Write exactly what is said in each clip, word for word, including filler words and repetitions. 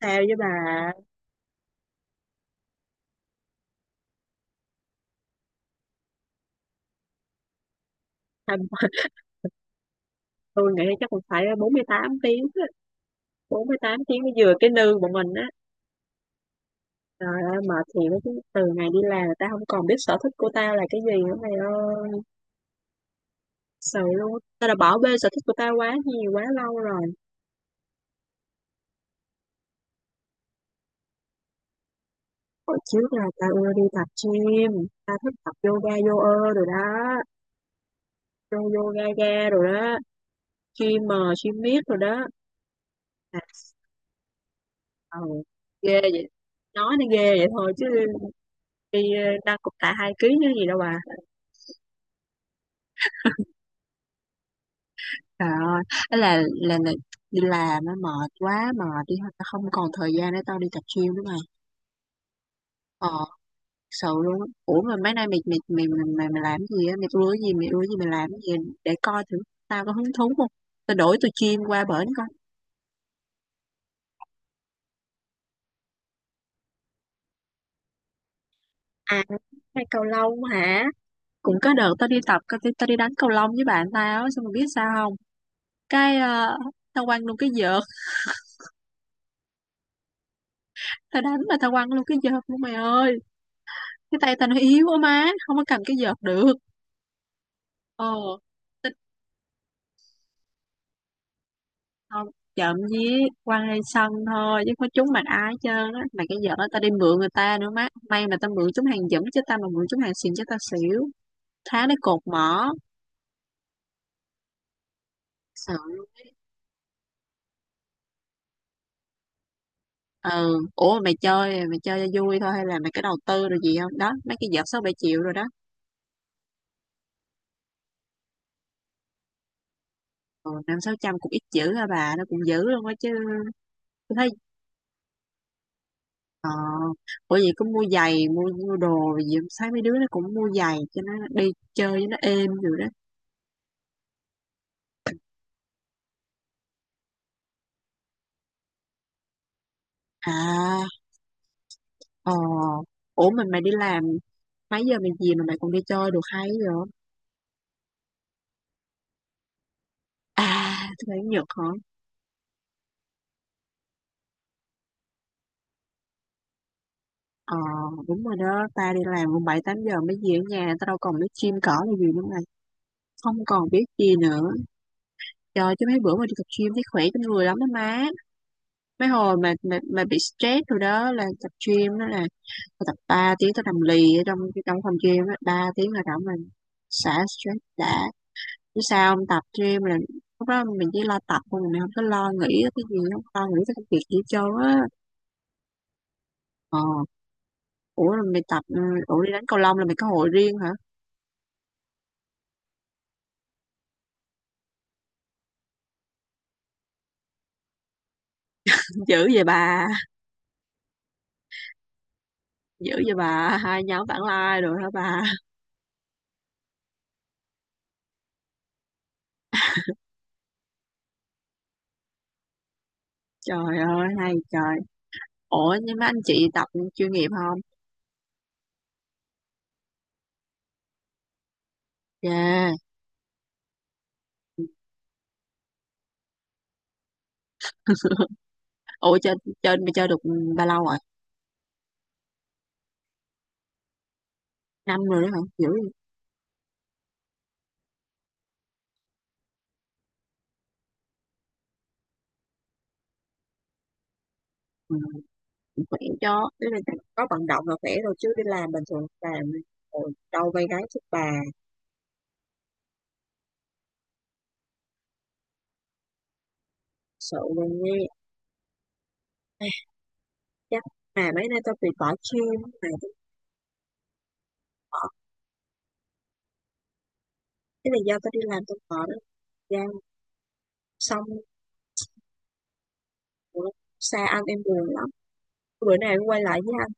Sao với bà? Thành phần tôi nghĩ chắc cũng phải bốn mươi tám tiếng á. Bốn mươi tám tiếng mới vừa cái nư bọn mình á. Trời ơi mệt thiệt á, chứ từ ngày đi làm tao không còn biết sở thích của tao là cái gì nữa mày ơi. Sợ luôn, tao đã bỏ bê sở thích của tao quá nhiều quá lâu rồi. Hồi trước là tao ưa đi tập gym, tao thích tập yoga yoga rồi đó, yoga, yoga ga rồi đó, gym mờ gym miết rồi đó. À, ừ, ghê vậy. Nói nó ghê vậy thôi chứ đi ờ, nâng cục tạ hai ký chứ gì đâu bà. Trời ơi, ấy là là là đi làm á mệt quá mệt đi thôi, tao không còn thời gian để tao đi tập gym nữa mày. Ờ, thật sự luôn á. Ủa mà mấy nay mày mày mày mày, mày, mày làm cái gì á, mày ưa gì mày ưa gì mày làm cái gì để coi thử tao có hứng thú không. Tao đổi từ gym qua bển coi. À, hay cầu lông hả? Cũng có đợt tao đi tập tao, đi- tao đi đánh cầu lông với bạn tao á, xong mày biết sao không? Cái ờ, tao quăng luôn cái vợt, tao đánh mà tao quăng luôn cái vợt luôn mày ơi. Cái tay tao nó yếu quá má, không có cầm cái vợt được. Ờ. Không, chậm với quăng lên sân thôi chứ có trúng mặt ai hết trơn á, mà cái giỡn ta đi mượn người ta nữa má, may mà tao mượn trúng hàng dẫm, chứ tao mà mượn trúng hàng xịn chứ tao xỉu, thá lấy cột mỏ, sợ luôn. Ừ, ủa mà mày chơi mày chơi cho vui thôi hay là mày có đầu tư rồi gì không đó, mấy cái vợt sáu bảy triệu rồi đó. Ừ, năm sáu trăm cũng ít dữ hả bà, nó cũng dữ luôn á chứ. Tôi thấy ờ Ủa vậy cũng mua giày, mua mua đồ rồi gì không? Thấy mấy đứa nó cũng mua giày cho nó đi chơi cho nó êm rồi đó. À, ờ, ủa mình mày đi làm mấy giờ mày gì mà mày còn đi chơi được hay vậy? À, thứ bảy chủ nhật hả? ờ Đúng rồi đó, ta đi làm cũng bảy tám giờ mới về ở nhà, ta đâu còn biết gym cỏ là gì nữa mày. Không còn biết gì nữa. Trời, chứ mấy bữa mà đi tập gym thấy khỏe trong người lắm đó má. Mấy hồi mà mà, mà bị stress rồi đó là tập gym đó, là tao tập ba tiếng tao nằm lì ở trong trong phòng gym á, ba tiếng là rảnh mình xả stress đã, chứ sao không tập gym là lúc đó mình chỉ lo tập thôi, mình không có lo nghĩ tới cái gì, không lo nghĩ tới công việc gì hết trơn á. ờ Ủa là mày tập, ừ, ủa đi đánh cầu lông là mày có hội riêng hả? Dữ vậy bà, dữ vậy bà, hai nhóm vãng lai rồi hả bà? Trời ơi hay trời. Ủa nhưng mà anh chị tập chuyên nghiệp không? Yeah. Ủa trên trên mày chơi được bao lâu rồi? Năm rồi đấy hả? Dữ vậy. Ừ, khỏe cho, tức là có vận động là khỏe rồi, chứ đi làm bình thường làm ôi, đâu vay gái sức bà, sợ luôn nghe. Ai, chắc mà mấy nay tao bị bỏ gym, mà tao bỏ cái là do tao đi làm tao bỏ đó ra, xong ủa, xa anh em buồn lắm, bữa nay em quay lại với anh.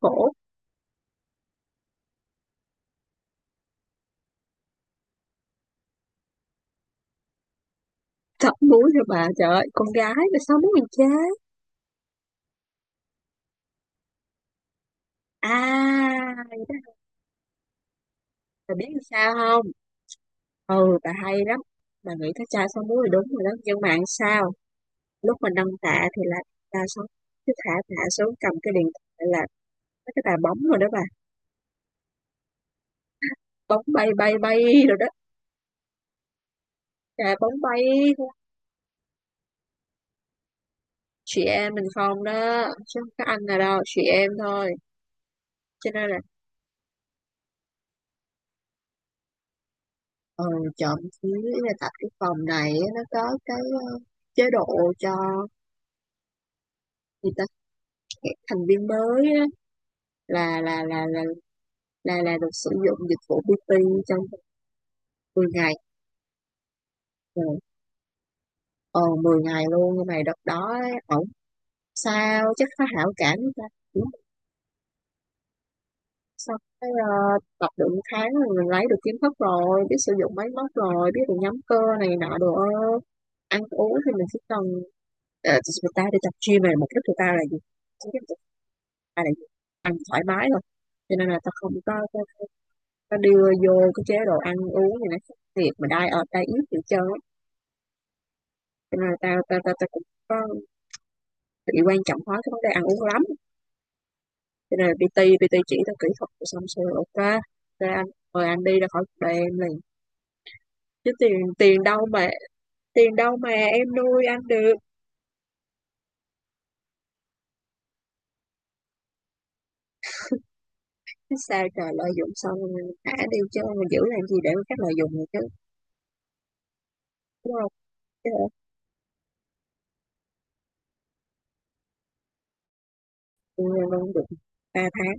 Khổ, thật mũi rồi bà, trời ơi con gái mà sao muốn mình chế. À, bà biết làm sao không, ừ bà hay lắm, bà nghĩ thấy cha sáu múi là đúng rồi đó, nhưng mà làm sao lúc mà nâng tạ thì là ta xuống, cứ thả tạ xuống cầm cái điện thoại, là mấy cái tạ bóng rồi đó bà, bóng bay bay bay rồi đó, tạ bóng bay. Chị em mình không đó, chứ không có anh nào đâu, chị em thôi. Cho nên là ừ, trộm chứ ý là tại cái phòng này á, nó có cái ờ, chế độ cho người ta, các thành viên mới á, là là là là là là được sử dụng dịch vụ pê tê trong mười ngày. Ừ. ờ mười ngày luôn, nhưng mà đợt đó ấy, ổng sao chắc có hảo cảm với ta, xong cái ờ, tập được một tháng rồi mình lấy được kiến thức rồi, biết sử dụng máy móc rồi, biết được nhóm cơ này nọ đồ ơ. Ăn uống thì mình chỉ cần ờ, người ta đi tập gym này mục đích người ta là gì? Chính cái mục đích người ta là gì? Ăn thoải mái thôi, cho nên là ta không có, có, có có đưa vô cái chế độ ăn uống gì nó thiệt, mà đai ở ta ít gì trơn á. Cho nên là ta ta ta, ta cũng có bị quan trọng hóa cái vấn đề ăn uống lắm, cho nên là pê tê pê tê chỉ tao kỹ thuật rồi xong rồi ok, ok anh, mời anh đi ra khỏi cuộc đời em liền. Chứ tiền tiền đâu mà tiền đâu mà em nuôi anh được. Chứ sao trời, lợi dụng xong rồi thả đi chứ, mà giữ làm gì để các lợi dụng này chứ, đúng không. Chứ ở tụi luôn được ba tháng.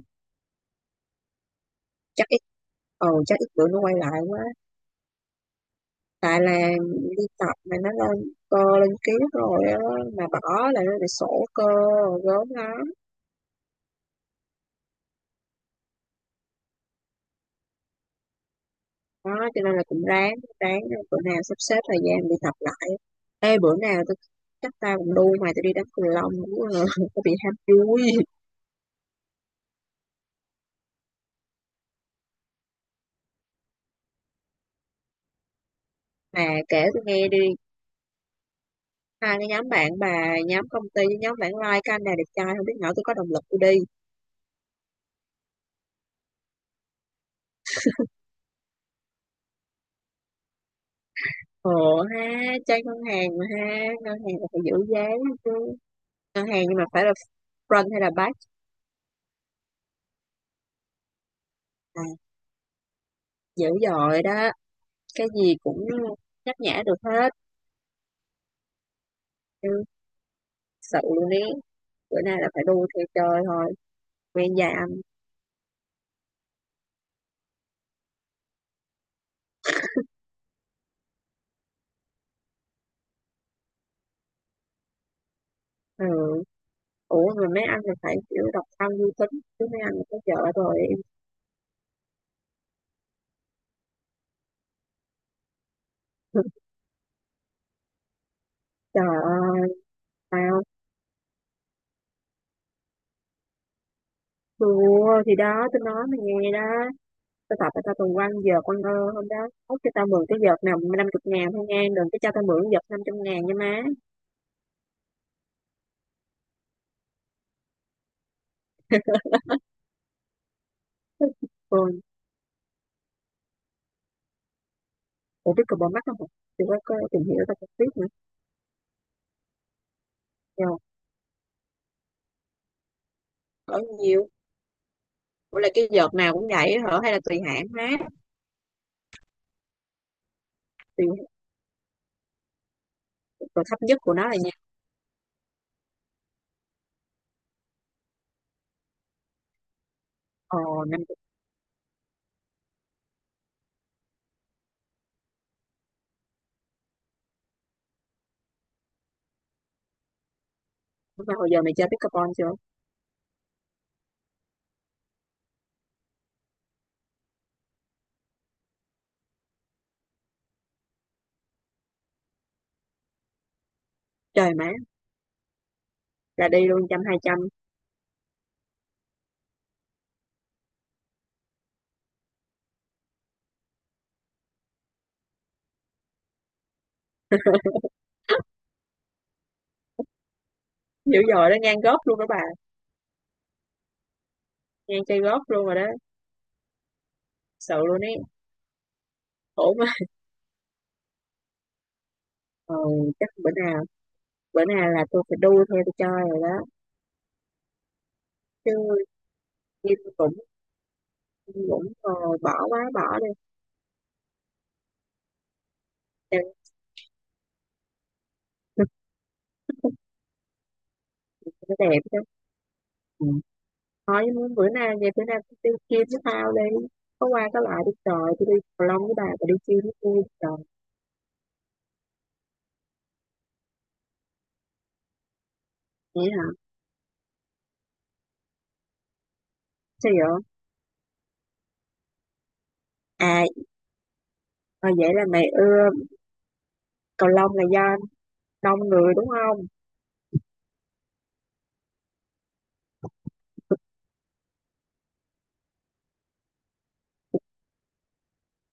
Chắc ít, ồ chắc ít bữa nó quay lại quá, tại là đi tập mà nó lên cơ lên ký rồi á, mà bỏ là nó lại sổ cơ rồi gớm lắm. Đó cho nên là cũng ráng, ráng bữa nào sắp xếp thời gian đi tập lại. Ê bữa nào tôi, chắc tao cũng đu mày tôi đi đánh cầu lông cũng có bị ham vui. Mà kể tôi nghe đi, hai cái nhóm bạn bà, nhóm công ty với nhóm bạn like cái anh này đẹp trai không biết nữa tôi có động lực tôi đi. Ồ ha, chơi ngân hàng mà ha, ngân hàng là phải giữ giá chứ. Ngân hàng, nhưng mà phải là front hay là back? À, dữ dội đó, cái gì cũng nhắc nhã được hết. Ừ, sự luôn ý, bữa nay là phải đu theo trời thôi, quen già anh. Ừ. Ủa mà mấy anh là phải kiểu độc thân vui tính, chứ mấy anh là có vợ rồi. Trời ơi, tao thua thì đó, tôi nói mày nghe đó, tôi tập cho tao quăng vợt quăng ơ hôm đó, ốc cho tao mượn cái vợt nào năm chục ngàn thôi nha, đừng có cho tao mượn vợt năm trăm ngàn nha má. Còn ủa biết cờ bỏ mắt không hả? Thì có, có tìm hiểu tao cũng biết nữa. Giờ ở nhiều. Ủa là cái vợt nào cũng vậy hả hay là tùy hãng má? Tùy. Rồi thấp nhất của nó là nha? Ồ năm chục. Mà hồi giờ mày chơi pickleball chưa? Trời má, là đi luôn trăm hai trăm. Dữ dội đó, ngang góp luôn đó bà. Ngang chơi góp luôn rồi đó. Sợ luôn ấy, khổ má. Ờ, chắc bữa nào, bữa nào là tôi phải đu theo tôi chơi rồi đó chứ. Nhưng cũng cũng ờ, bỏ quá bỏ đi đẹp. Nó đẹp chứ. Ừ. Thôi muốn bữa nay về, bữa nay tôi đi gym với tao đi, có qua có lại đi trời, tôi đi cầu lông với bà và đi gym với tôi trời. Vậy hả? Sao vậy? À, ờ, vậy là mày ưa cầu lông là do đông người đúng không?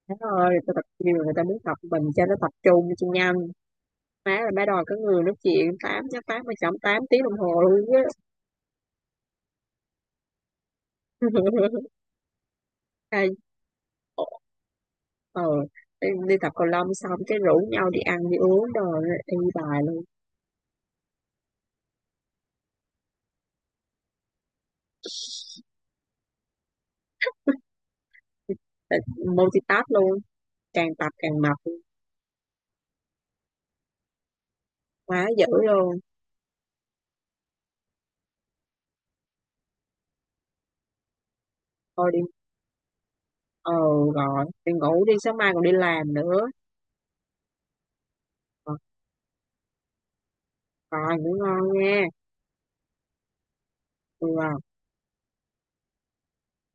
Má ơi tao tập nhiều người, ta muốn tập mình cho nó tập trung cho nhanh, má là má đòi có người nói chuyện tám chắc tám mà chậm tám tiếng đồng hồ luôn á. À, ờ, đi, đi tập cầu lông xong cái rủ nhau đi ăn đi uống rồi đi bài luôn. Tại- multitask luôn. Càng tập càng mập luôn. Quá dữ luôn. Thôi đi ờ, rồi đi ngủ đi, sáng mai còn đi làm nữa. Ờ, rồi ngủ ngon nha. Ừ,